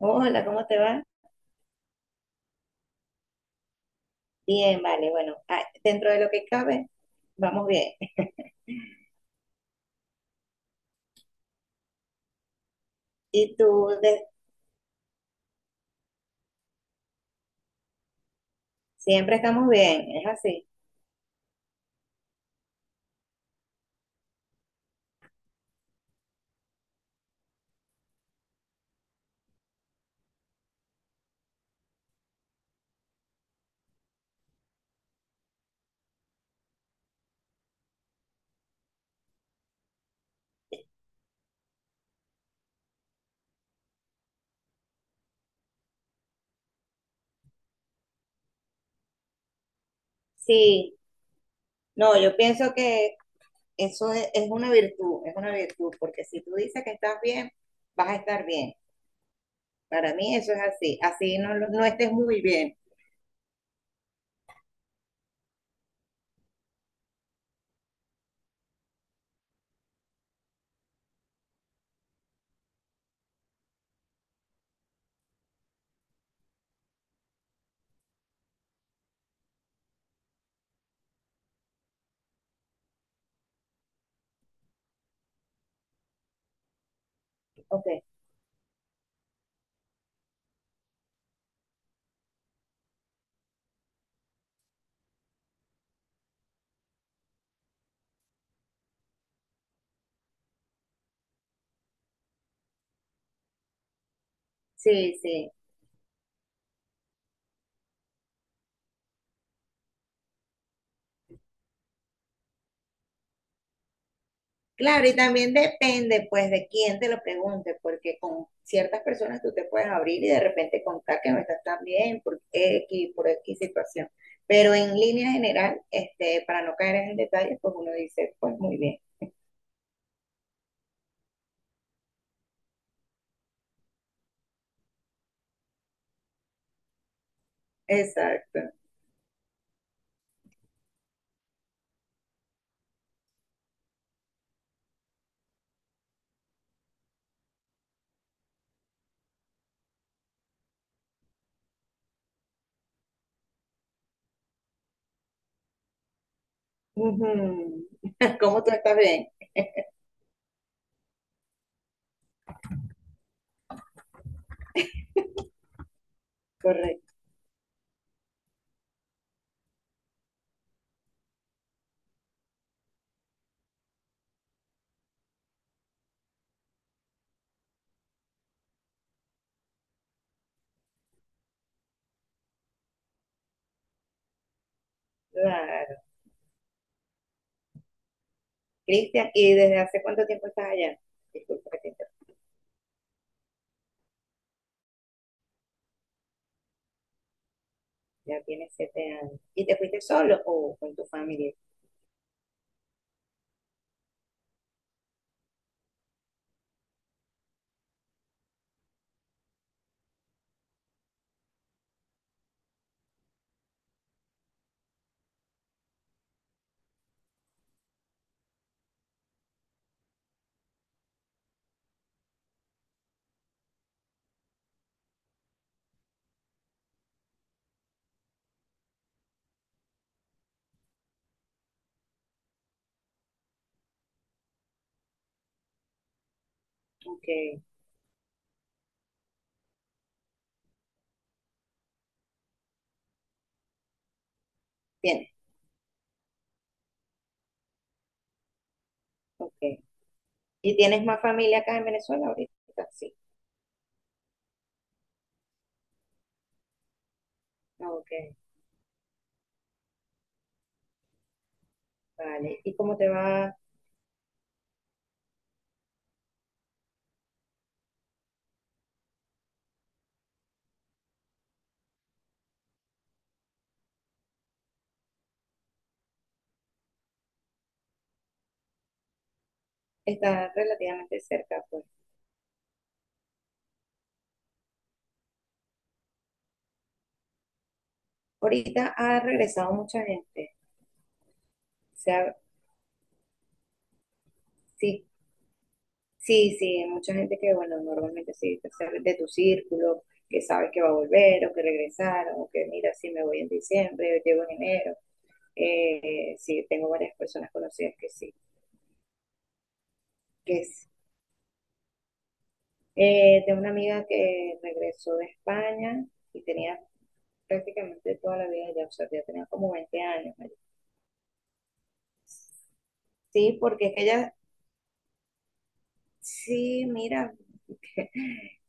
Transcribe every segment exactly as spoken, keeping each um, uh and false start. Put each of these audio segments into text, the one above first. Hola, ¿cómo te va? Bien, vale, bueno, ah, dentro de lo que cabe, vamos bien. Y tú, de- siempre estamos bien, es así. Sí, no, yo pienso que eso es, es una virtud, es una virtud, porque si tú dices que estás bien, vas a estar bien. Para mí eso es así, así no, lo- no estés muy bien. Ok, sí, sí. Claro, y también depende pues de quién te lo pregunte, porque con ciertas personas tú te puedes abrir y de repente contar que no estás tan bien por X, por X situación. Pero en línea general, este, para no caer en detalles, pues uno dice, pues muy bien. Exacto. Ujú. ¿Cómo tú estás bien? Correcto. Claro. Cristian, ¿y desde hace cuánto tiempo estás allá? Disculpa que te interrumpa. Ya tienes siete años. ¿Y te fuiste solo o con tu familia? Ok. Bien. Ok. ¿Y tienes más familia acá en Venezuela ahorita? Sí. Ok, vale. ¿Y cómo te va? Está relativamente cerca, pues. Ahorita ha regresado mucha gente. O sea, sí, sí, sí, mucha gente que, bueno, normalmente sí, o sea, de tu círculo, que sabes que va a volver o que regresaron, o que mira, sí me voy en diciembre, llego en enero. Eh, sí, tengo varias personas conocidas que sí, que es. Eh, tengo una amiga que regresó de España y tenía prácticamente toda la vida ya, o sea, ya tenía como veinte años allá. Sí, porque es que ella, sí, mira,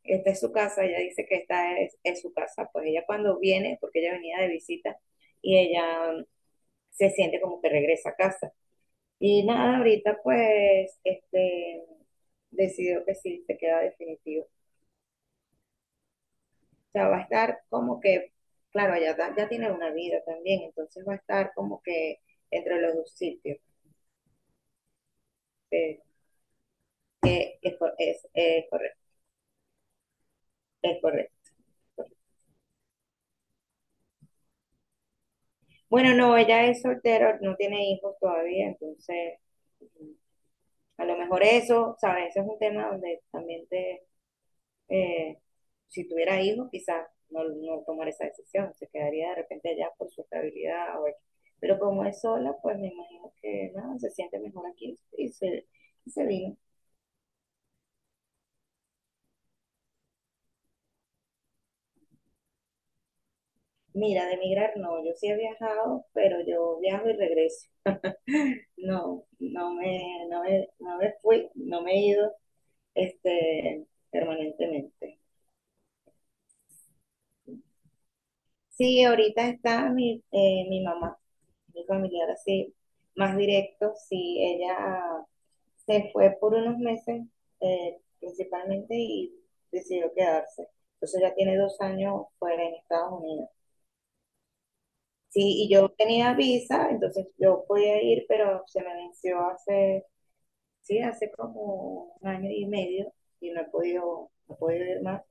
esta es su casa, ella dice que esta es, es su casa, pues ella cuando viene, porque ella venía de visita, y ella mm, se siente como que regresa a casa. Y nada, ahorita pues, este, decidió que sí, se queda definitivo. O sea, va a estar como que, claro, ya, ta- ya tiene una vida también, entonces va a estar como que entre los dos sitios. eh, Es, cor- es, es Es correcto. Bueno, no, ella es soltera, no tiene hijos todavía, entonces mm, a lo mejor eso, ¿sabes? Ese es un tema donde también te, eh, si tuviera hijos, quizás no, no tomar esa decisión, se quedaría de repente allá por su estabilidad o X. Pero como es sola, pues me imagino que nada, se siente mejor aquí y se, y se vino. Mira, de emigrar no, yo sí he viajado, pero yo viajo y regreso. No, no me, no me, no me fui, no me he ido este, permanentemente. Sí, ahorita está mi, eh, mi mamá, mi familiar así, más directo, sí, ella se fue por unos meses eh, principalmente y decidió quedarse. Entonces ya tiene dos años fuera en Estados Unidos. Sí, y yo tenía visa, entonces yo podía ir, pero se me venció hace, sí, hace como un año y medio y no he podido, no he podido ir más.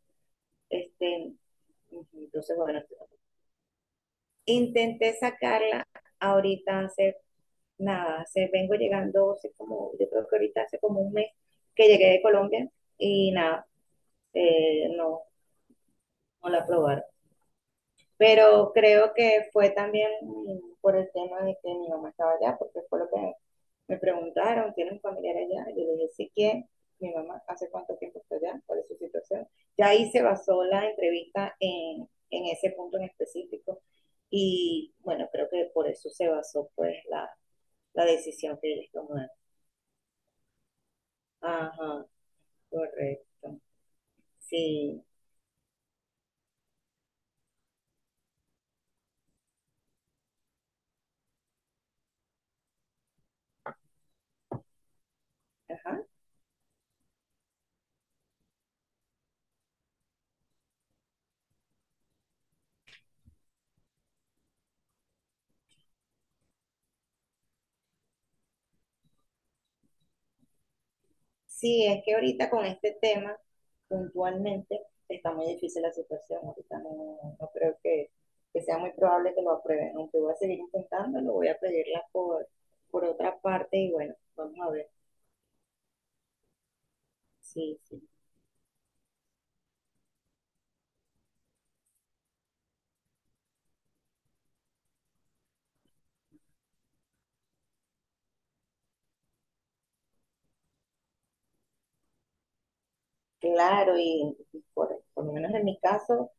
Este, Ujú, entonces, bueno, intenté sacarla ahorita hace nada, hace, vengo llegando, hace como, yo creo que ahorita hace como un mes que llegué de Colombia y nada, eh, no, no la probaron. Pero creo que fue también mm, por el tema de que mi mamá estaba allá, porque fue lo que me preguntaron, ¿tiene un familiar allá? Yo le dije, sí que mi mamá, ¿hace cuánto tiempo está allá? ¿Cuál es su situación? Ya ahí se basó la entrevista en, en ese punto en específico y bueno, creo que por eso se basó pues la, la decisión que ellos tomaron. Ajá, correcto. Sí, ajá. Sí, es que ahorita con este tema, puntualmente, está muy difícil la situación. Ahorita no, no no creo que, que sea muy probable que lo aprueben, aunque voy a seguir intentando, lo voy a pedirla por, por otra parte y bueno, vamos a ver. Sí, sí. Claro, y, y por, por lo menos en mi caso,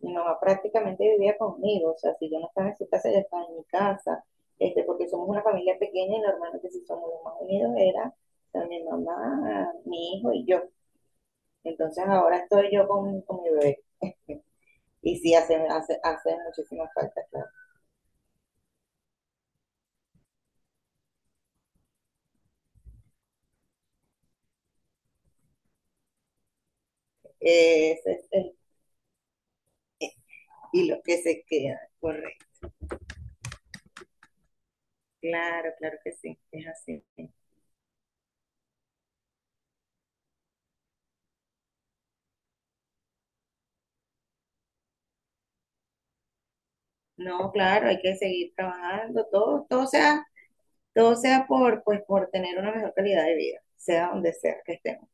mi mamá prácticamente vivía conmigo, o sea, si yo no estaba en su casa, ella estaba en mi casa, este, porque somos una familia pequeña y normalmente si somos los más unidos era o sea, mi mamá, mi hijo y yo. Entonces ahora estoy yo con, con mi bebé. Y sí, hace, hace, hace muchísima falta, claro. Ese es el hilo que se queda, correcto. Claro, claro que sí, es así. No, claro, hay que seguir trabajando, todo, todo sea, todo sea por, pues, por tener una mejor calidad de vida, sea donde sea que estemos.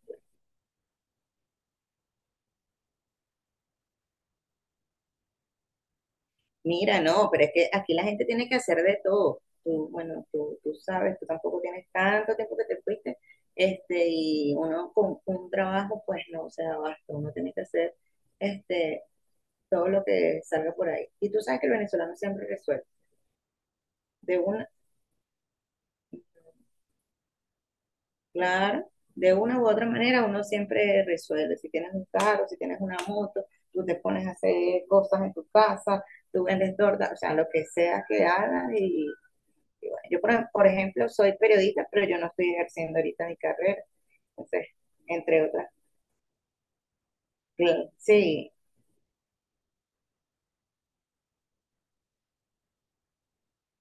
Mira, no, pero es que aquí la gente tiene que hacer de todo. Tú, bueno, tú, tú sabes, tú tampoco tienes tanto tiempo que te fuiste. Este, y uno con un trabajo, pues no se da abasto. Uno tiene que hacer este, todo lo que salga por ahí. Y tú sabes que el venezolano siempre resuelve. De una, claro, de una u otra manera uno siempre resuelve. Si tienes un carro, si tienes una moto, tú te pones a hacer cosas en tu casa, tú vendes torta, o sea, lo que sea que hagas y Y bueno, yo, por, por ejemplo, soy periodista, pero yo no estoy ejerciendo ahorita mi carrera. Entonces, entre otras. Sí, sí.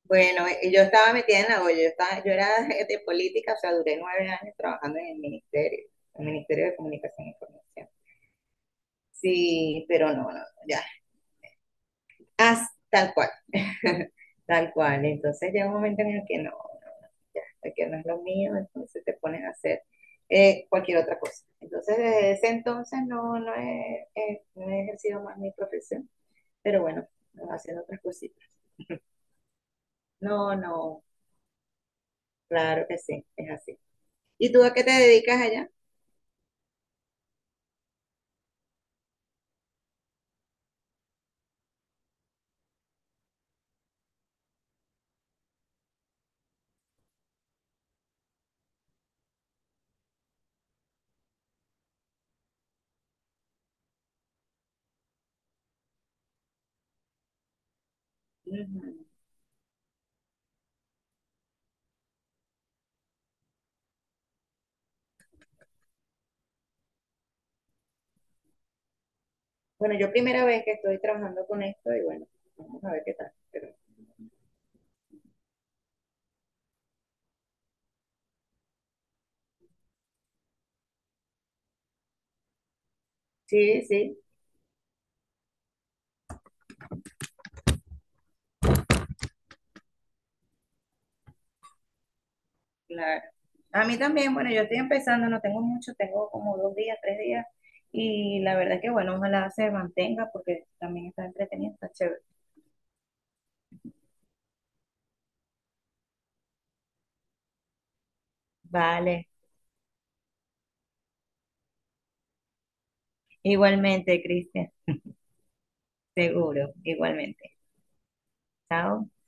Bueno, eh, yo estaba metida en la olla, yo, estaba, yo era de de política, o sea, duré nueve años trabajando en el ministerio, el Ministerio de Comunicación e Información. Sí, pero no, no, ya, As, tal cual, tal cual. Entonces llega un momento en el que no, no, no, ya, que no es lo mío, entonces te pones a hacer eh, cualquier otra cosa. Entonces desde ese entonces no, no, he, he- no he ejercido más mi profesión, pero bueno, haciendo otras cositas. No, no, claro que sí, es así. ¿Y tú a qué te dedicas allá? Ujú. Bueno, yo primera vez que estoy trabajando con esto y bueno, vamos a ver qué tal. Pero, sí, sí. Claro. A mí también, bueno, yo estoy empezando, no tengo mucho, tengo como dos días, tres días, y la verdad que bueno, ojalá se mantenga porque también está entretenido, está chévere. Vale, igualmente, Cristian, seguro, igualmente. Chao.